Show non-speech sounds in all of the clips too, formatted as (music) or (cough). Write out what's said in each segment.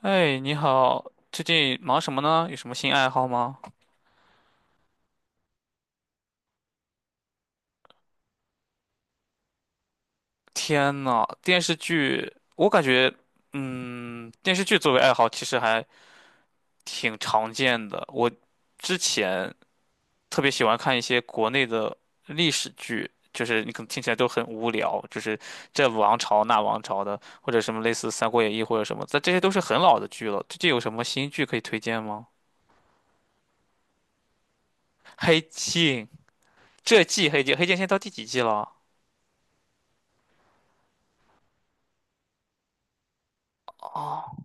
哎，你好，最近忙什么呢？有什么新爱好吗？天呐，电视剧，我感觉，电视剧作为爱好其实还挺常见的。我之前特别喜欢看一些国内的历史剧，就是你可能听起来都很无聊，就是这王朝那王朝的，或者什么类似《三国演义》或者什么，但这些都是很老的剧了。最近有什么新剧可以推荐吗？黑镜，这季黑镜，黑镜现在到第几季了？哦。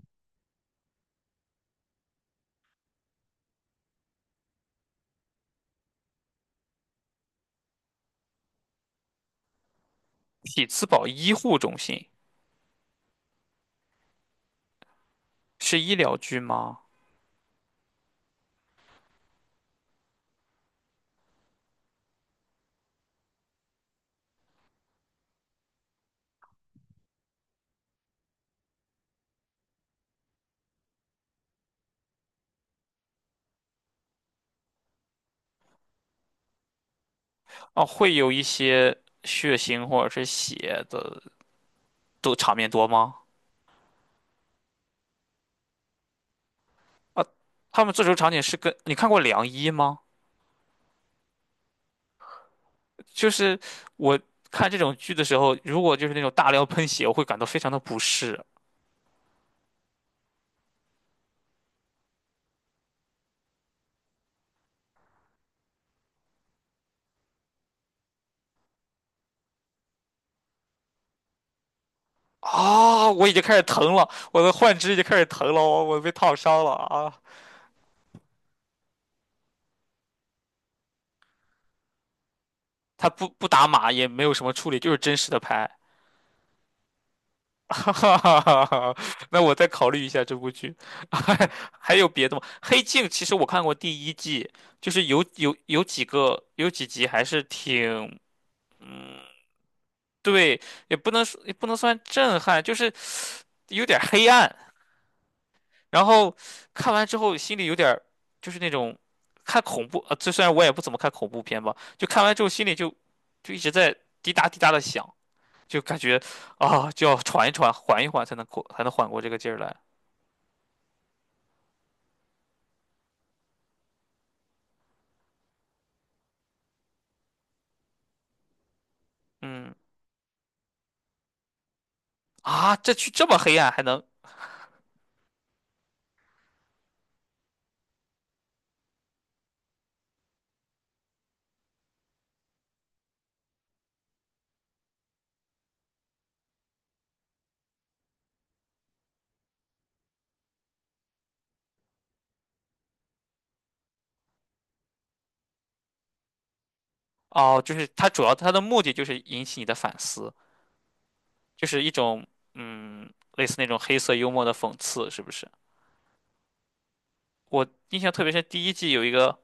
匹兹堡医护中心是医疗剧吗？哦，会有一些血腥或者是血的都场面多吗？啊，他们这种场景是跟你看过《良医》吗？就是我看这种剧的时候，如果就是那种大量喷血，我会感到非常的不适。啊，我已经开始疼了，我的幻肢已经开始疼了，我被烫伤了啊！他不打码，也没有什么处理，就是真实的拍。(laughs) 哈哈哈哈，那我再考虑一下这部剧，(laughs) 还有别的吗？《黑镜》其实我看过第一季，就是有几个有几集还是挺，嗯，对，也不能说也不能算震撼，就是有点儿黑暗。然后看完之后心里有点儿就是那种看恐怖，啊，这虽然我也不怎么看恐怖片吧，就看完之后心里就一直在滴答滴答的响，就感觉啊，就要喘一喘，缓一缓才能过才能缓过这个劲儿来。嗯。啊，这去这么黑暗还能哦，就是它主要它的目的就是引起你的反思，就是一种嗯，类似那种黑色幽默的讽刺，是不是？我印象特别深，第一季有一个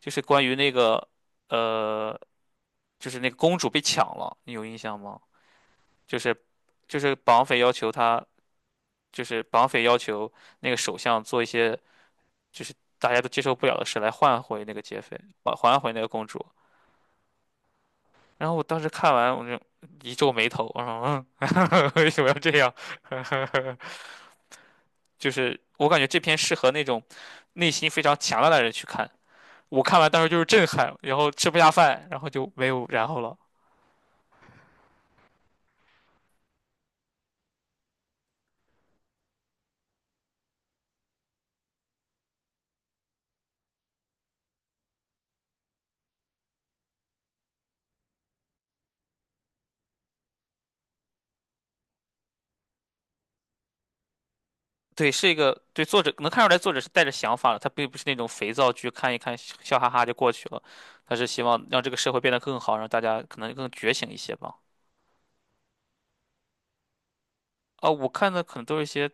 就是关于那个呃，就是那个公主被抢了，你有印象吗？就是绑匪要求他，就是绑匪要求那个首相做一些就是大家都接受不了的事来换回那个劫匪，还还回那个公主。然后我当时看完，我就一皱眉头，我说嗯，(laughs) 为什么要这样？(laughs) 就是我感觉这篇适合那种内心非常强大的人去看。我看完当时就是震撼，然后吃不下饭，然后就没有然后了。对，是一个对作者能看出来，作者是带着想法的，他并不是那种肥皂剧，看一看笑笑哈哈就过去了。他是希望让这个社会变得更好，让大家可能更觉醒一些吧。啊，我看的可能都是一些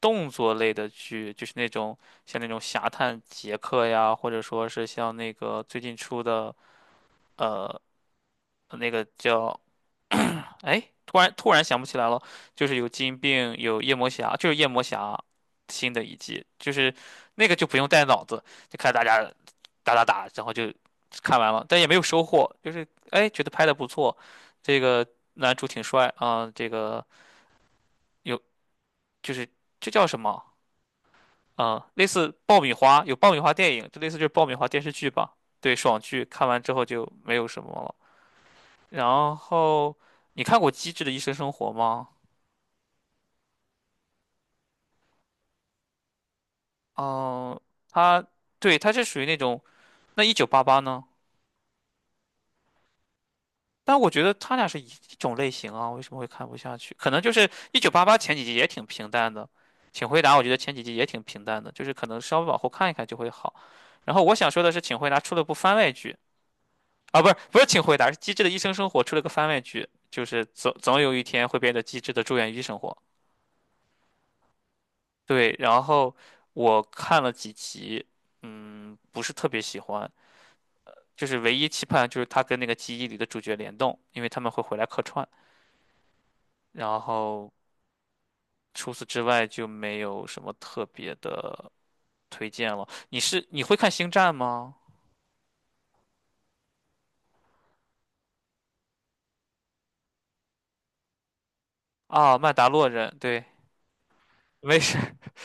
动作类的剧，就是那种像那种《侠探杰克》呀，或者说是像那个最近出的呃那个叫哎，突然想不起来了，就是有金并，有夜魔侠，就是夜魔侠新的一季，就是那个就不用带脑子，就看大家打打打，然后就看完了，但也没有收获，就是哎觉得拍的不错，这个男主挺帅啊，这个有就是这叫什么？啊、类似爆米花，有爆米花电影，就类似就是爆米花电视剧吧。对，爽剧看完之后就没有什么了。然后你看过《机智的医生生活》吗？嗯、它对它是属于那种那一九八八呢？但我觉得他俩是一种类型啊，为什么会看不下去？可能就是一九八八前几集也挺平淡的，请回答我觉得前几集也挺平淡的，就是可能稍微往后看一看就会好。然后我想说的是，请回答出了部番外剧，啊，不是，请回答，是《机智的医生生活》出了个番外剧，就是总有一天会变得机智的住院医生活。对，然后我看了几集，嗯，不是特别喜欢，就是唯一期盼就是他跟那个记忆里的主角联动，因为他们会回来客串。然后除此之外就没有什么特别的推荐了。你是你会看《星战》吗？啊，曼达洛人，对，没事。(laughs)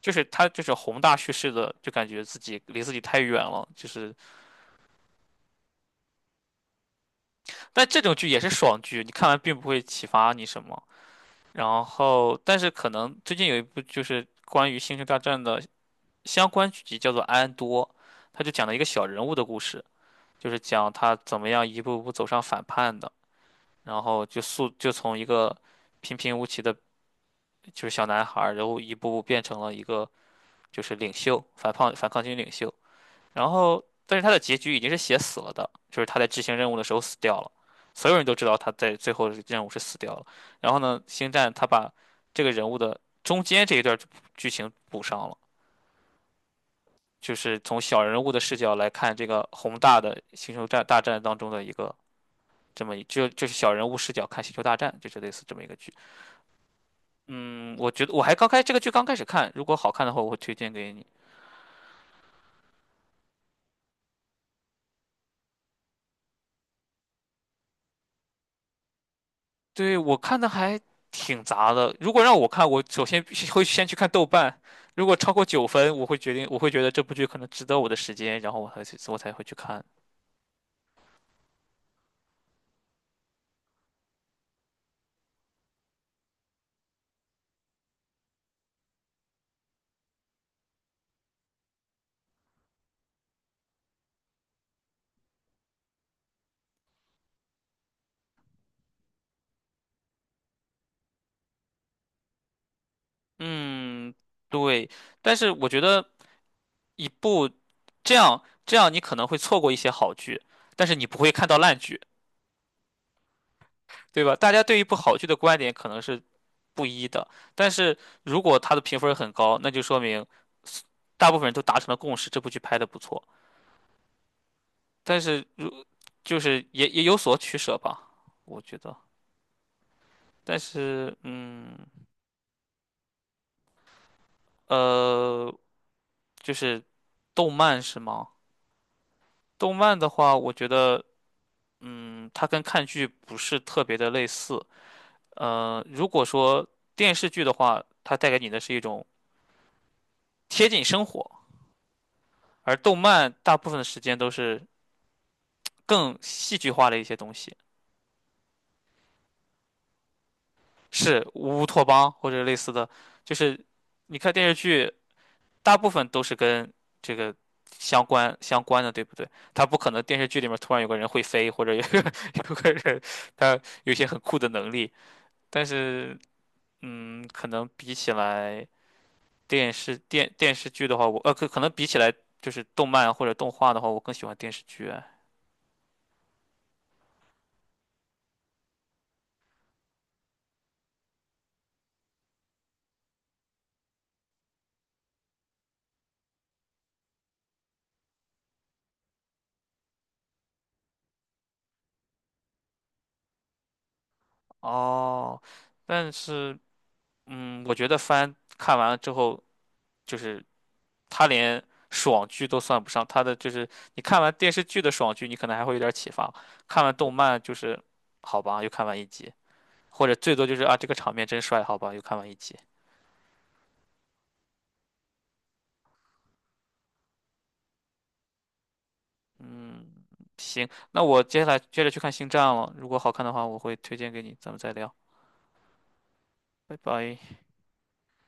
就是他就是宏大叙事的，就感觉自己离自己太远了，就是但这种剧也是爽剧，你看完并不会启发你什么。然后，但是可能最近有一部就是关于星球大战的相关剧集，叫做《安多》，他就讲了一个小人物的故事，就是讲他怎么样一步步走上反叛的，然后就速就从一个平平无奇的就是小男孩儿，然后一步步变成了一个就是领袖，反抗军领袖。然后，但是他的结局已经是写死了的，就是他在执行任务的时候死掉了，所有人都知道他在最后的任务是死掉了。然后呢，星战他把这个人物的中间这一段剧情补上了，就是从小人物的视角来看这个宏大的星球战大战当中的一个这么一就就是小人物视角看星球大战，就是类似这么一个剧。嗯，我觉得我还刚开这个剧刚开始看，如果好看的话，我会推荐给你。对，我看的还挺杂的。如果让我看，我首先必须会先去看豆瓣，如果超过9分，我会决定，我会觉得这部剧可能值得我的时间，然后我才去，我才会去看。嗯，对。但是我觉得一部这样这样，你可能会错过一些好剧，但是你不会看到烂剧，对吧？大家对一部好剧的观点可能是不一的，但是如果它的评分很高，那就说明大部分人都达成了共识，这部剧拍的不错。但是如就是也也有所取舍吧，我觉得。但是，嗯，呃，就是动漫是吗？动漫的话，我觉得，嗯，它跟看剧不是特别的类似。如果说电视剧的话，它带给你的是一种贴近生活，而动漫大部分的时间都是更戏剧化的一些东西，是乌托邦或者类似的，就是你看电视剧。大部分都是跟这个相关的，对不对？他不可能电视剧里面突然有个人会飞，或者有个 (laughs) 有个人他有一些很酷的能力，但是嗯，可能比起来电视电视剧的话，我可可能比起来就是动漫或者动画的话，我更喜欢电视剧啊。哦，但是嗯，我觉得番看完了之后，就是他连爽剧都算不上，他的就是你看完电视剧的爽剧，你可能还会有点启发，看完动漫就是好吧，又看完一集，或者最多就是啊这个场面真帅，好吧，又看完一集。嗯，行，那我接下来接着去看《星战》了，如果好看的话，我会推荐给你，咱们再聊，拜拜。